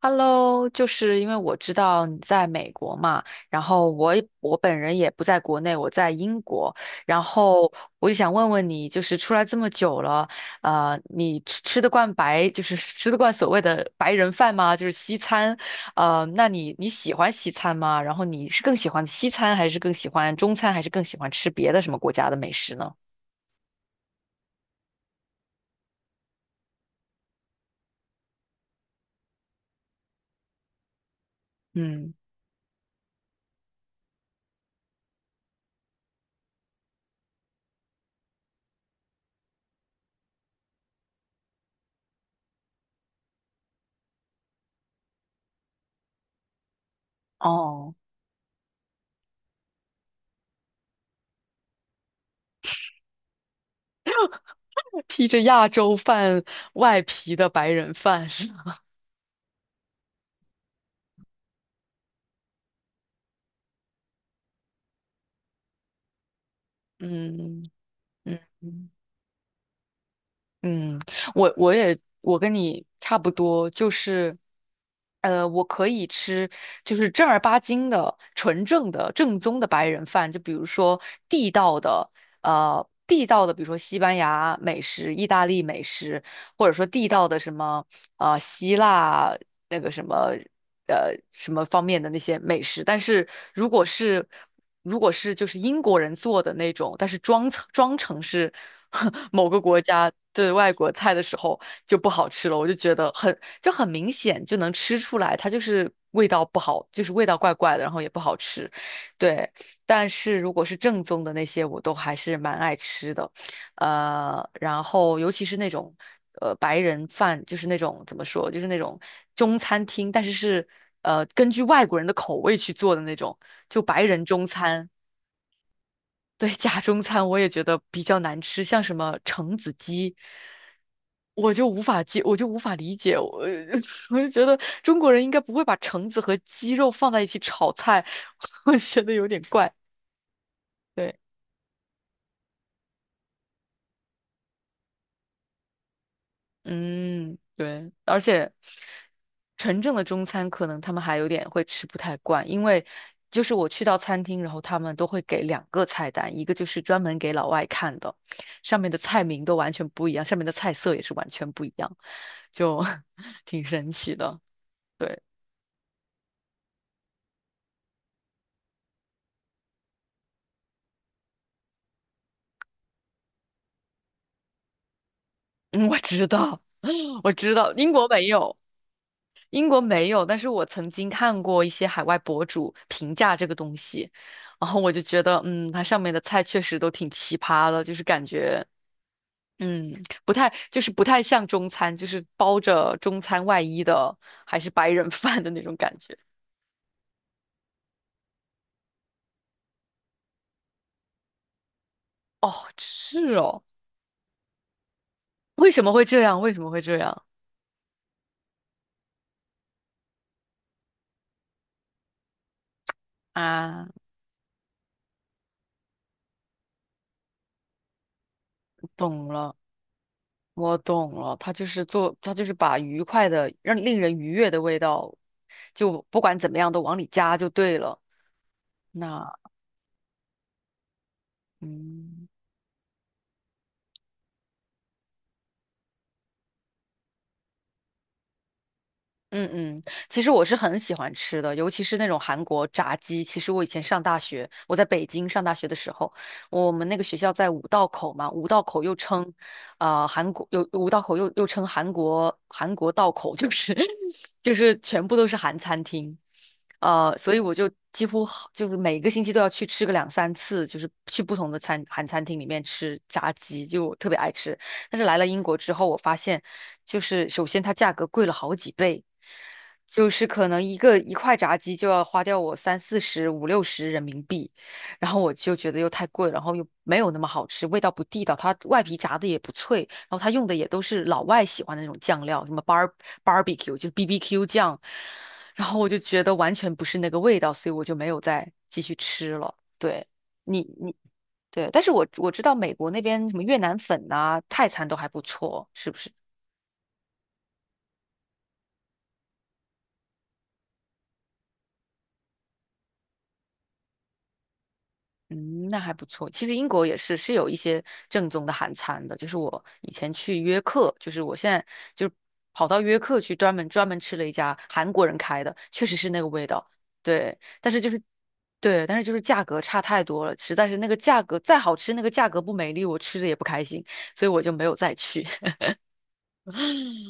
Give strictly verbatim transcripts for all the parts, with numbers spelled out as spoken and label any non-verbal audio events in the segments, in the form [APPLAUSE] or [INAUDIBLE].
Hello，就是因为我知道你在美国嘛，然后我也我本人也不在国内，我在英国，然后我就想问问你，就是出来这么久了，呃，你吃吃得惯白，就是吃得惯所谓的白人饭吗？就是西餐，呃，那你你喜欢西餐吗？然后你是更喜欢西餐，还是更喜欢中餐，还是更喜欢吃别的什么国家的美食呢？嗯，哦，披着亚洲饭外皮的白人饭是吗？嗯嗯。嗯，我我也我跟你差不多，就是，呃，我可以吃就是正儿八经的、纯正的、正宗的白人饭，就比如说地道的，呃，地道的，比如说西班牙美食、意大利美食，或者说地道的什么，呃，希腊那个什么。呃什么方面的那些美食，但是如果是如果是就是英国人做的那种，但是装成装成是 [LAUGHS] 某个国家的外国菜的时候就不好吃了，我就觉得很就很明显就能吃出来，它就是味道不好，就是味道怪怪的，然后也不好吃，对。但是如果是正宗的那些，我都还是蛮爱吃的。呃，然后尤其是那种呃白人饭，就是那种怎么说，就是那种中餐厅，但是是呃根据外国人的口味去做的那种，就白人中餐，对，假中餐我也觉得比较难吃，像什么橙子鸡。我就无法接，我就无法理解，我 [LAUGHS] 我就觉得中国人应该不会把橙子和鸡肉放在一起炒菜，[LAUGHS] 我觉得有点怪。对。嗯，对，而且纯正的中餐可能他们还有点会吃不太惯，因为就是我去到餐厅，然后他们都会给两个菜单，一个就是专门给老外看的，上面的菜名都完全不一样，上面的菜色也是完全不一样，就 [LAUGHS] 挺神奇的。对，嗯，我知道，我知道，英国没有。英国没有，但是我曾经看过一些海外博主评价这个东西，然后我就觉得，嗯，它上面的菜确实都挺奇葩的，就是感觉，嗯，不太，就是不太像中餐，就是包着中餐外衣的，还是白人 [LAUGHS] 饭的那种感觉。哦，是哦，为什么会这样？为什么会这样啊？懂了，我懂了，他就是做，他就是把愉快的，让令人愉悦的味道，就不管怎么样都往里加就对了。那。嗯嗯嗯，其实我是很喜欢吃的，尤其是那种韩国炸鸡。其实我以前上大学，我在北京上大学的时候，我们那个学校在五道口嘛，五道口又称，呃，韩国有五道口又又称韩国韩国道口，就是 [LAUGHS] 就是全部都是韩餐厅，呃，所以我就几乎好就是每个星期都要去吃个两三次，就是去不同的餐韩餐厅里面吃炸鸡，就我特别爱吃。但是来了英国之后，我发现就是首先它价格贵了好几倍，就是可能一个一块炸鸡就要花掉我三四十、五六十人民币，然后我就觉得又太贵，然后又没有那么好吃，味道不地道，它外皮炸的也不脆，然后它用的也都是老外喜欢的那种酱料，什么 bar barbecue 就 B B Q 酱，然后我就觉得完全不是那个味道，所以我就没有再继续吃了。对。你你对，但是我我知道美国那边什么越南粉呐、泰餐都还不错，是不是？嗯，那还不错。其实英国也是是有一些正宗的韩餐的，就是我以前去约克，就是我现在就跑到约克去专门专门吃了一家韩国人开的，确实是那个味道。对，但是就是对，但是就是价格差太多了，实在是那个价格再好吃，那个价格不美丽，我吃着也不开心，所以我就没有再去。[LAUGHS]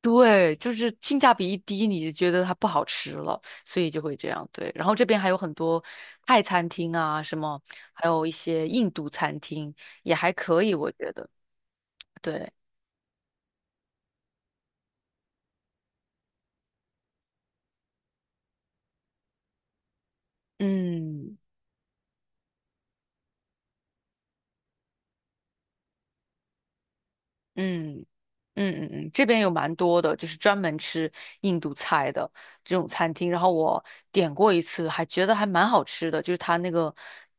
对，就是性价比一低，你就觉得它不好吃了，所以就会这样。对，然后这边还有很多泰餐厅啊，什么，还有一些印度餐厅也还可以，我觉得。对，嗯嗯。嗯嗯嗯，这边有蛮多的，就是专门吃印度菜的这种餐厅。然后我点过一次，还觉得还蛮好吃的，就是它那个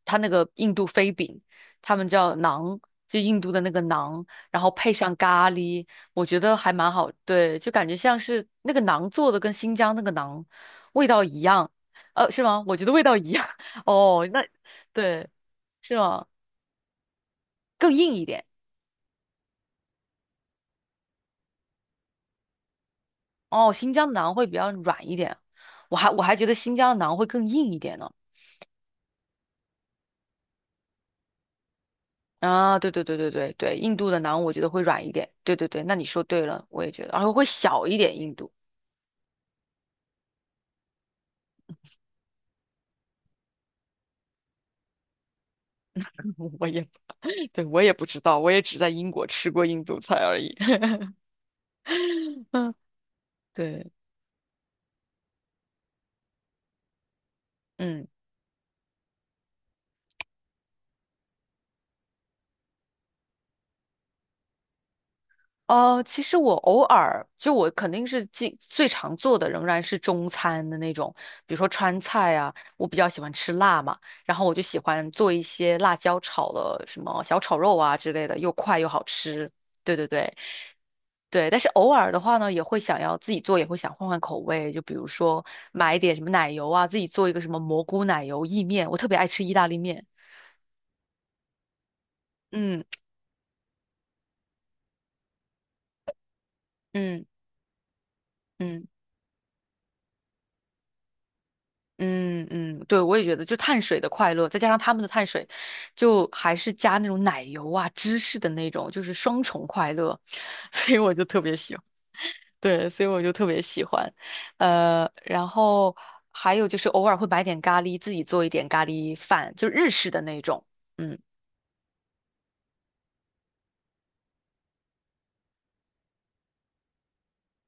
它那个印度飞饼，他们叫馕，就印度的那个馕，然后配上咖喱，我觉得还蛮好。对，就感觉像是那个馕做的跟新疆那个馕味道一样，呃，是吗？我觉得味道一样。[LAUGHS] 哦，那对，是吗？更硬一点。哦，新疆的馕会比较软一点，我还我还觉得新疆的馕会更硬一点呢。啊，对对对对对对，印度的馕我觉得会软一点。对对对，那你说对了，我也觉得，而且会小一点。印度，[LAUGHS] 我也，[LAUGHS] 对，我也不知道，我也只在英国吃过印度菜而已。[LAUGHS] 嗯对，嗯。呃，其实我偶尔就我肯定是最最常做的仍然是中餐的那种，比如说川菜啊，我比较喜欢吃辣嘛，然后我就喜欢做一些辣椒炒的什么小炒肉啊之类的，又快又好吃。对对对对，但是偶尔的话呢，也会想要自己做，也会想换换口味，就比如说买一点什么奶油啊，自己做一个什么蘑菇奶油意面，我特别爱吃意大利面。嗯嗯嗯。嗯嗯，对，我也觉得，就碳水的快乐，再加上他们的碳水，就还是加那种奶油啊、芝士的那种，就是双重快乐，[LAUGHS] 所以我就特别喜欢。对，所以我就特别喜欢。呃，然后还有就是偶尔会买点咖喱，自己做一点咖喱饭，就日式的那种。嗯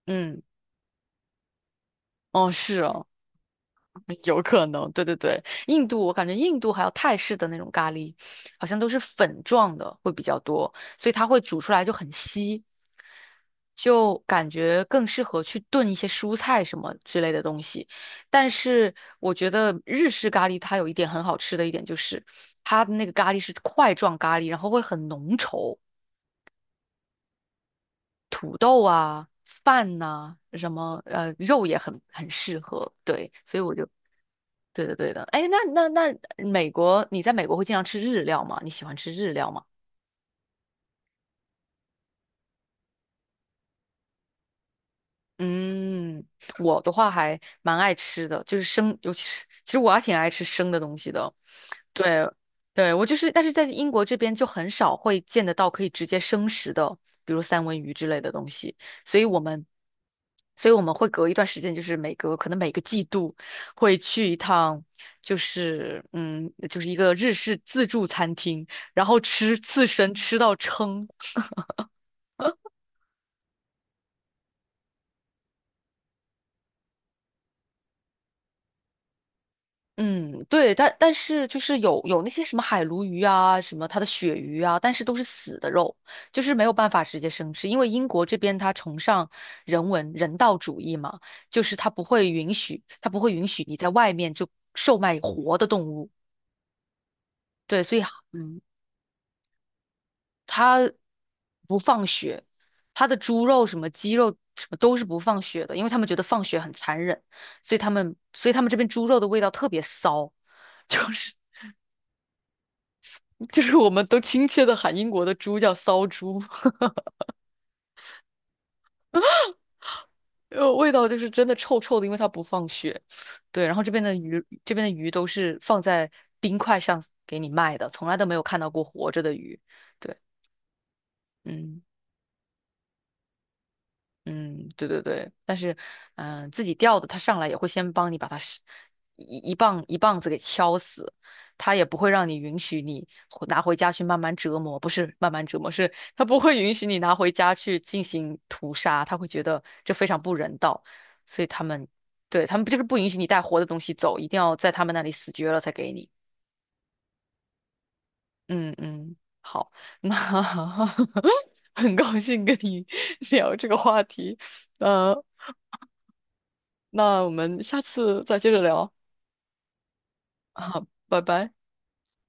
嗯，哦，是哦。有可能，对对对，印度我感觉印度还有泰式的那种咖喱，好像都是粉状的会比较多，所以它会煮出来就很稀，就感觉更适合去炖一些蔬菜什么之类的东西。但是我觉得日式咖喱它有一点很好吃的一点就是，它的那个咖喱是块状咖喱，然后会很浓稠，土豆啊、饭呐、什么呃肉也很很适合。对，所以我就对的对的。哎，那那那美国，你在美国会经常吃日料吗？你喜欢吃日料吗？嗯，我的话还蛮爱吃的，就是生，尤其是其实我还挺爱吃生的东西的。对，对，我就是，但是在英国这边就很少会见得到可以直接生食的，比如三文鱼之类的东西，所以我们，所以我们会隔一段时间，就是每隔可能每个季度会去一趟，就是嗯，就是一个日式自助餐厅，然后吃刺身吃到撑，嗯，对，但但是就是有有那些什么海鲈鱼啊，什么它的鳕鱼啊，但是都是死的肉，就是没有办法直接生吃，因为英国这边它崇尚人文人道主义嘛，就是它不会允许，它不会允许你在外面就售卖活的动物，对，所以嗯，它不放血，它的猪肉什么鸡肉什么都是不放血的，因为他们觉得放血很残忍，所以他们所以他们这边猪肉的味道特别骚，[LAUGHS] 就是。就是我们都亲切的喊英国的猪叫骚猪，[LAUGHS] 呃，味道就是真的臭臭的，因为它不放血。对，然后这边的鱼，这边的鱼都是放在冰块上给你卖的，从来都没有看到过活着的鱼。对，嗯。嗯，对对对，但是，嗯、自己钓的，他上来也会先帮你把它是一一棒一棒子给敲死，他也不会让你允许你回拿回家去慢慢折磨，不是慢慢折磨，是他不会允许你拿回家去进行屠杀，他会觉得这非常不人道，所以他们对他们就是不允许你带活的东西走，一定要在他们那里死绝了才给你。嗯嗯，好，那 [LAUGHS] 很高兴跟你 [LAUGHS] 聊这个话题。呃，那我们下次再接着聊啊，拜拜。